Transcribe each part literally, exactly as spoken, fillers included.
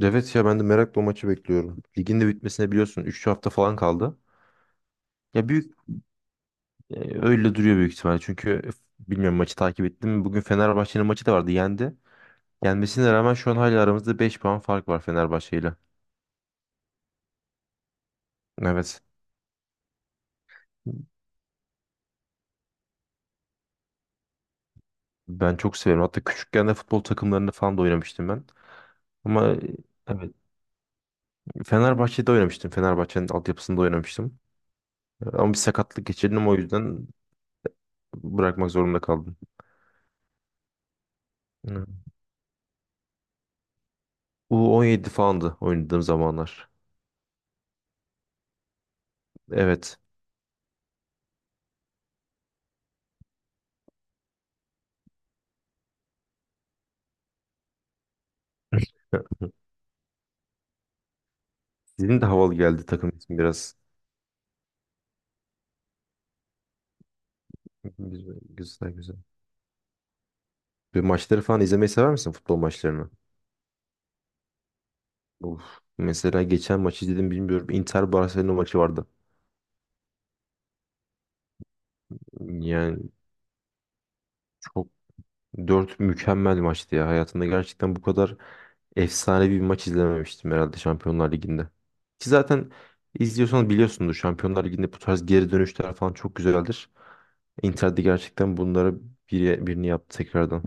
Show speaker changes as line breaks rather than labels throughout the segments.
Evet ya ben de merakla o maçı bekliyorum. Ligin de bitmesine biliyorsun üç hafta falan kaldı. Ya büyük e, öyle duruyor büyük ihtimalle. Çünkü f- bilmiyorum maçı takip ettim mi? Bugün Fenerbahçe'nin maçı da vardı. Yendi. Yenmesine rağmen şu an hala aramızda beş puan fark var Fenerbahçe ile. Evet. Ben çok severim. Hatta küçükken de futbol takımlarında falan da oynamıştım ben. Ama e, evet Fenerbahçe'de oynamıştım. Fenerbahçe'nin altyapısında oynamıştım. Ama bir sakatlık geçirdim o yüzden bırakmak zorunda kaldım. Hı. u on yedi falandı oynadığım zamanlar. Evet. Ya, Sizin de havalı geldi takım ismi biraz. Güzel, güzel, güzel. Bir maçları falan izlemeyi sever misin futbol maçlarını? Of. Mesela geçen maçı izledim bilmiyorum. Inter Barcelona maçı vardı. Yani çok dört mükemmel maçtı ya. Hayatımda gerçekten bu kadar efsane bir maç izlememiştim herhalde Şampiyonlar Ligi'nde. Ki zaten izliyorsanız biliyorsunuz Şampiyonlar Ligi'nde bu tarz geri dönüşler falan çok güzeldir. Inter de gerçekten bunlara biri, birini yaptı tekrardan.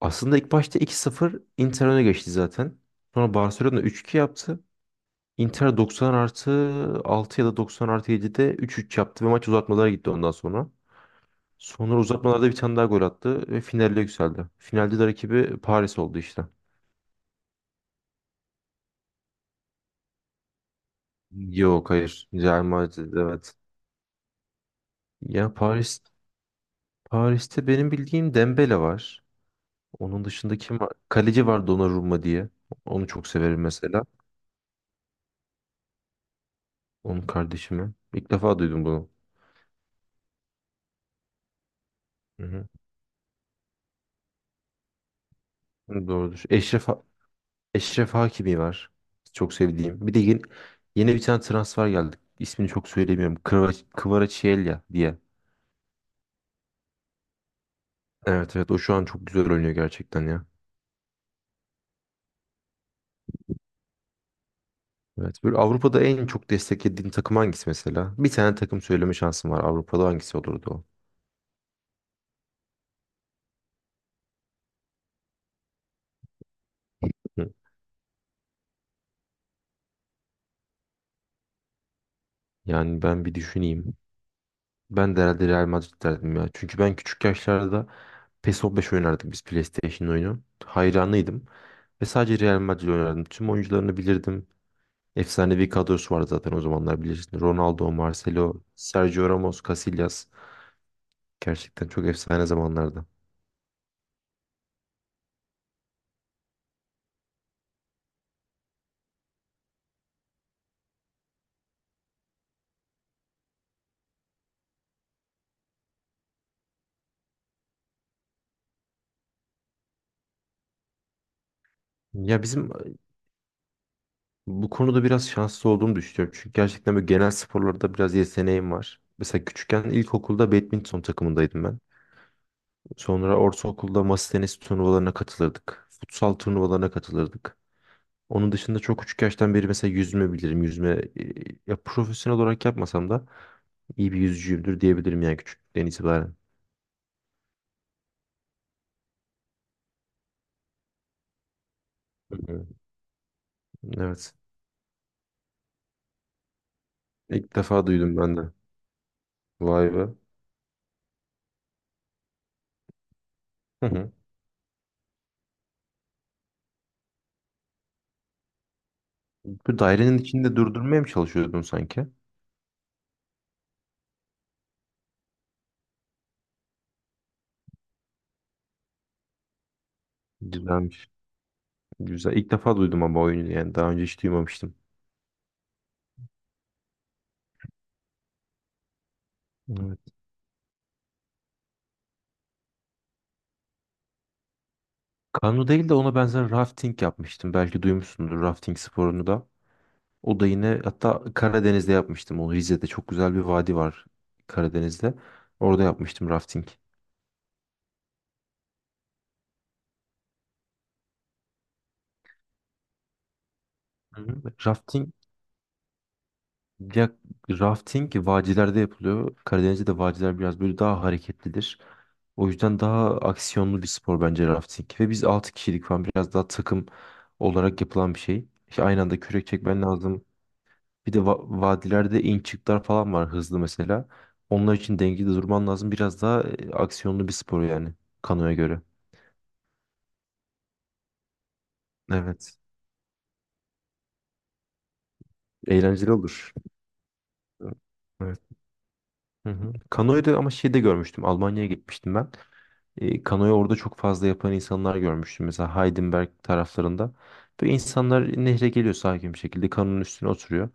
Aslında ilk başta iki sıfır Inter öne geçti zaten. Sonra Barcelona üç iki yaptı. Inter doksan artı altı ya da doksan artı yedide üç üç yaptı ve maç uzatmalara gitti ondan sonra. Sonra uzatmalarda bir tane daha gol attı ve finale yükseldi. Finalde de rakibi Paris oldu işte. Yok, hayır. Real Madrid, evet. Ya Paris Paris'te benim bildiğim Dembele var. Onun dışında kim var? Kaleci var, Donnarumma diye. Onu çok severim mesela. Onun kardeşimi. İlk defa duydum bunu. Hı hı. Doğrudur. Eşref, Ha- Eşref Hakimi var. Çok sevdiğim. Bir de yeni, yeni bir tane transfer geldi. İsmini çok söylemiyorum. Kvarat- Kvaratskhelia diye. Evet, evet, o şu an çok güzel oynuyor gerçekten ya. Evet, böyle Avrupa'da en çok desteklediğin takım hangisi mesela? Bir tane takım söyleme şansım var. Avrupa'da hangisi olurdu o? Hı. Yani ben bir düşüneyim. Ben de herhalde Real Madrid derdim ya. Çünkü ben küçük yaşlarda PES on beş oynardık, biz PlayStation oyunu. Hayranıydım. Ve sadece Real Madrid oynardım. Tüm oyuncularını bilirdim. Efsanevi kadrosu var zaten o zamanlar bilirsin. Ronaldo, Marcelo, Sergio Ramos, Casillas. Gerçekten çok efsane zamanlarda. Ya bizim bu konuda biraz şanslı olduğumu düşünüyorum. Çünkü gerçekten böyle genel sporlarda biraz yeteneğim var. Mesela küçükken ilkokulda badminton takımındaydım ben. Sonra ortaokulda masa tenisi turnuvalarına katılırdık. Futsal turnuvalarına katılırdık. Onun dışında çok küçük yaştan beri mesela yüzme bilirim. Yüzme e, ya profesyonel olarak yapmasam da iyi bir yüzücüyümdür diyebilirim yani küçüklükten itibaren. Hı hı. Evet. İlk defa duydum ben de. Vay be. Hı hı. Bu dairenin içinde durdurmaya mı çalışıyordun sanki? Güzelmiş. Güzel. İlk defa duydum ama oyunu yani. Daha önce hiç duymamıştım. Evet. Kano değil de ona benzer rafting yapmıştım. Belki duymuşsundur rafting sporunu da. O da yine hatta Karadeniz'de yapmıştım onu. Rize'de çok güzel bir vadi var Karadeniz'de. Orada yapmıştım rafting. Hı hı. Rafting Ya rafting vadilerde yapılıyor. Karadeniz'de de vadiler biraz böyle daha hareketlidir. O yüzden daha aksiyonlu bir spor bence rafting. Ve biz altı kişilik falan biraz daha takım olarak yapılan bir şey. İşte aynı anda kürek çekmen lazım. Bir de va- vadilerde in çıklar falan var hızlı mesela. Onlar için dengede durman lazım. Biraz daha e, aksiyonlu bir spor yani kanoya göre. Evet. Eğlenceli olur. Evet. Hı hı. Kanoyu da ama şeyde görmüştüm. Almanya'ya gitmiştim ben. E, kanoyu orada çok fazla yapan insanlar görmüştüm. Mesela Heidenberg taraflarında. Böyle insanlar nehre geliyor sakin bir şekilde. Kanonun üstüne oturuyor.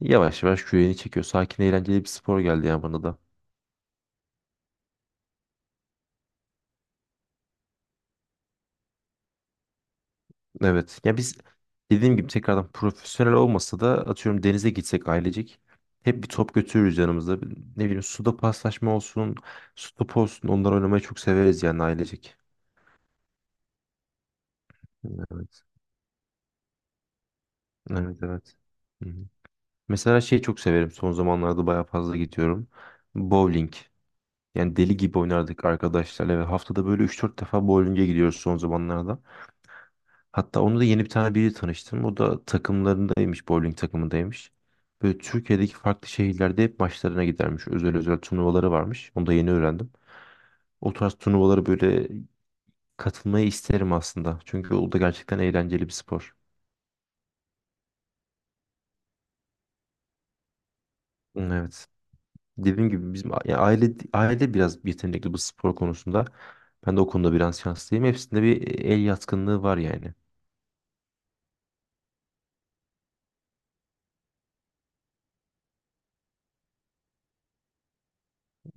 Yavaş yavaş küreğini çekiyor. Sakin, eğlenceli bir spor geldi ya bana da. Evet. Ya biz dediğim gibi tekrardan profesyonel olmasa da atıyorum denize gitsek ailecek. Hep bir top götürürüz yanımızda. Ne bileyim, suda paslaşma olsun, su topu olsun. Onlar oynamayı çok severiz yani ailecek. Evet. Evet, evet. Hı hı. Mesela şeyi çok severim. Son zamanlarda bayağı fazla gidiyorum. Bowling. Yani deli gibi oynardık arkadaşlarla ve haftada böyle üç dört defa bowling'e gidiyoruz son zamanlarda. Hatta onu da yeni bir tane biri tanıştım. O da takımlarındaymış, bowling takımındaymış. Böyle Türkiye'deki farklı şehirlerde hep maçlarına gidermiş. Özel özel turnuvaları varmış. Onu da yeni öğrendim. O tarz turnuvalara böyle katılmayı isterim aslında. Çünkü o da gerçekten eğlenceli bir spor. Evet. Dediğim gibi bizim a- yani aile aile biraz yetenekli bu spor konusunda. Ben de o konuda biraz şanslıyım. Hepsinde bir e, el yatkınlığı var yani.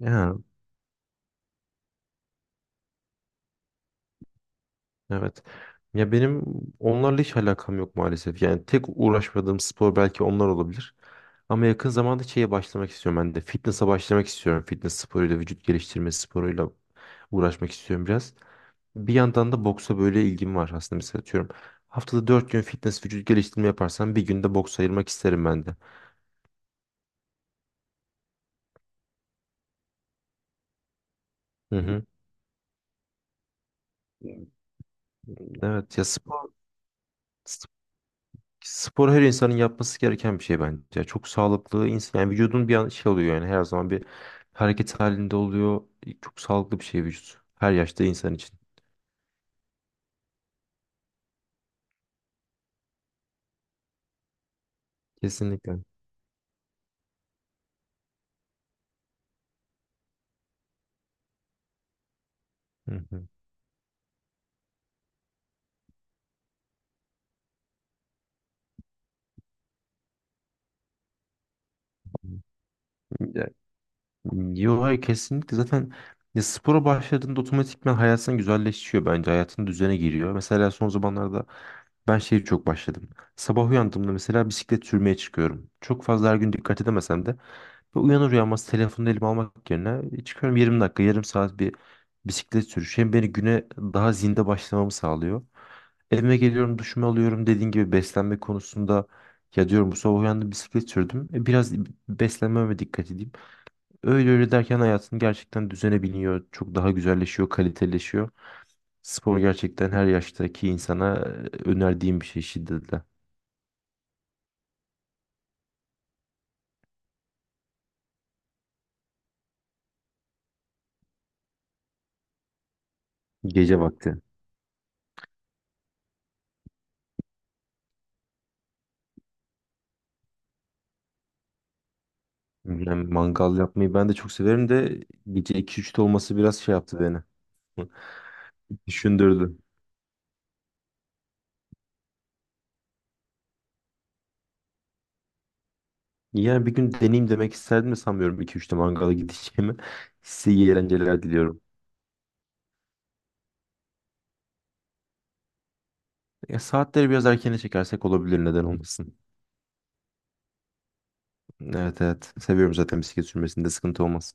Ya, evet. Ya benim onlarla hiç alakam yok maalesef. Yani tek uğraşmadığım spor belki onlar olabilir. Ama yakın zamanda şeye başlamak istiyorum ben de. Fitness'a başlamak istiyorum. Fitness sporuyla, vücut geliştirme sporuyla uğraşmak istiyorum biraz. Bir yandan da boksa böyle ilgim var aslında. Mesela atıyorum haftada dört gün fitness vücut geliştirme yaparsam bir günde boks ayırmak isterim ben de. Hı hı. Evet ya, spor sp- spor her insanın yapması gereken bir şey bence. Ya, çok sağlıklı insan yani vücudun bir an şey oluyor yani her zaman bir hareket halinde oluyor. Çok sağlıklı bir şey vücut. Her yaşta insan için. Kesinlikle. Hı hı. Ya- Yo, hayır, kesinlikle zaten ya spora başladığında otomatikman hayatın güzelleşiyor bence. Hayatın düzene giriyor. Mesela son zamanlarda ben şeyi çok başladım. Sabah uyandığımda mesela bisiklet sürmeye çıkıyorum. Çok fazla her gün dikkat edemesem de. Ve uyanır uyanmaz telefonu elime almak yerine, "E, çıkıyorum yirmi dakika, yarım saat bir bisiklet sürüşü. Hem beni güne daha zinde başlamamı sağlıyor. Evime geliyorum, duşumu alıyorum. Dediğin gibi beslenme konusunda ya diyorum bu sabah uyandım, bisiklet sürdüm. E, Biraz beslenmeme dikkat edeyim. Öyle öyle derken hayatın gerçekten düzene biniyor. Çok daha güzelleşiyor, kaliteleşiyor. Spor gerçekten her yaştaki insana e, önerdiğim bir şey şiddetle. Gece vakti. Yani mangal yapmayı ben de çok severim de gece iki üçte olması biraz şey yaptı beni. Düşündürdü. Yani bir gün deneyeyim demek isterdim de sanmıyorum iki üçte mangala gideceğimi. Size iyi eğlenceler diliyorum. Ya saatleri biraz erkene çekersek olabilir, neden olmasın. Evet, evet. Seviyorum zaten, bisiklet sürmesinde sıkıntı olmaz.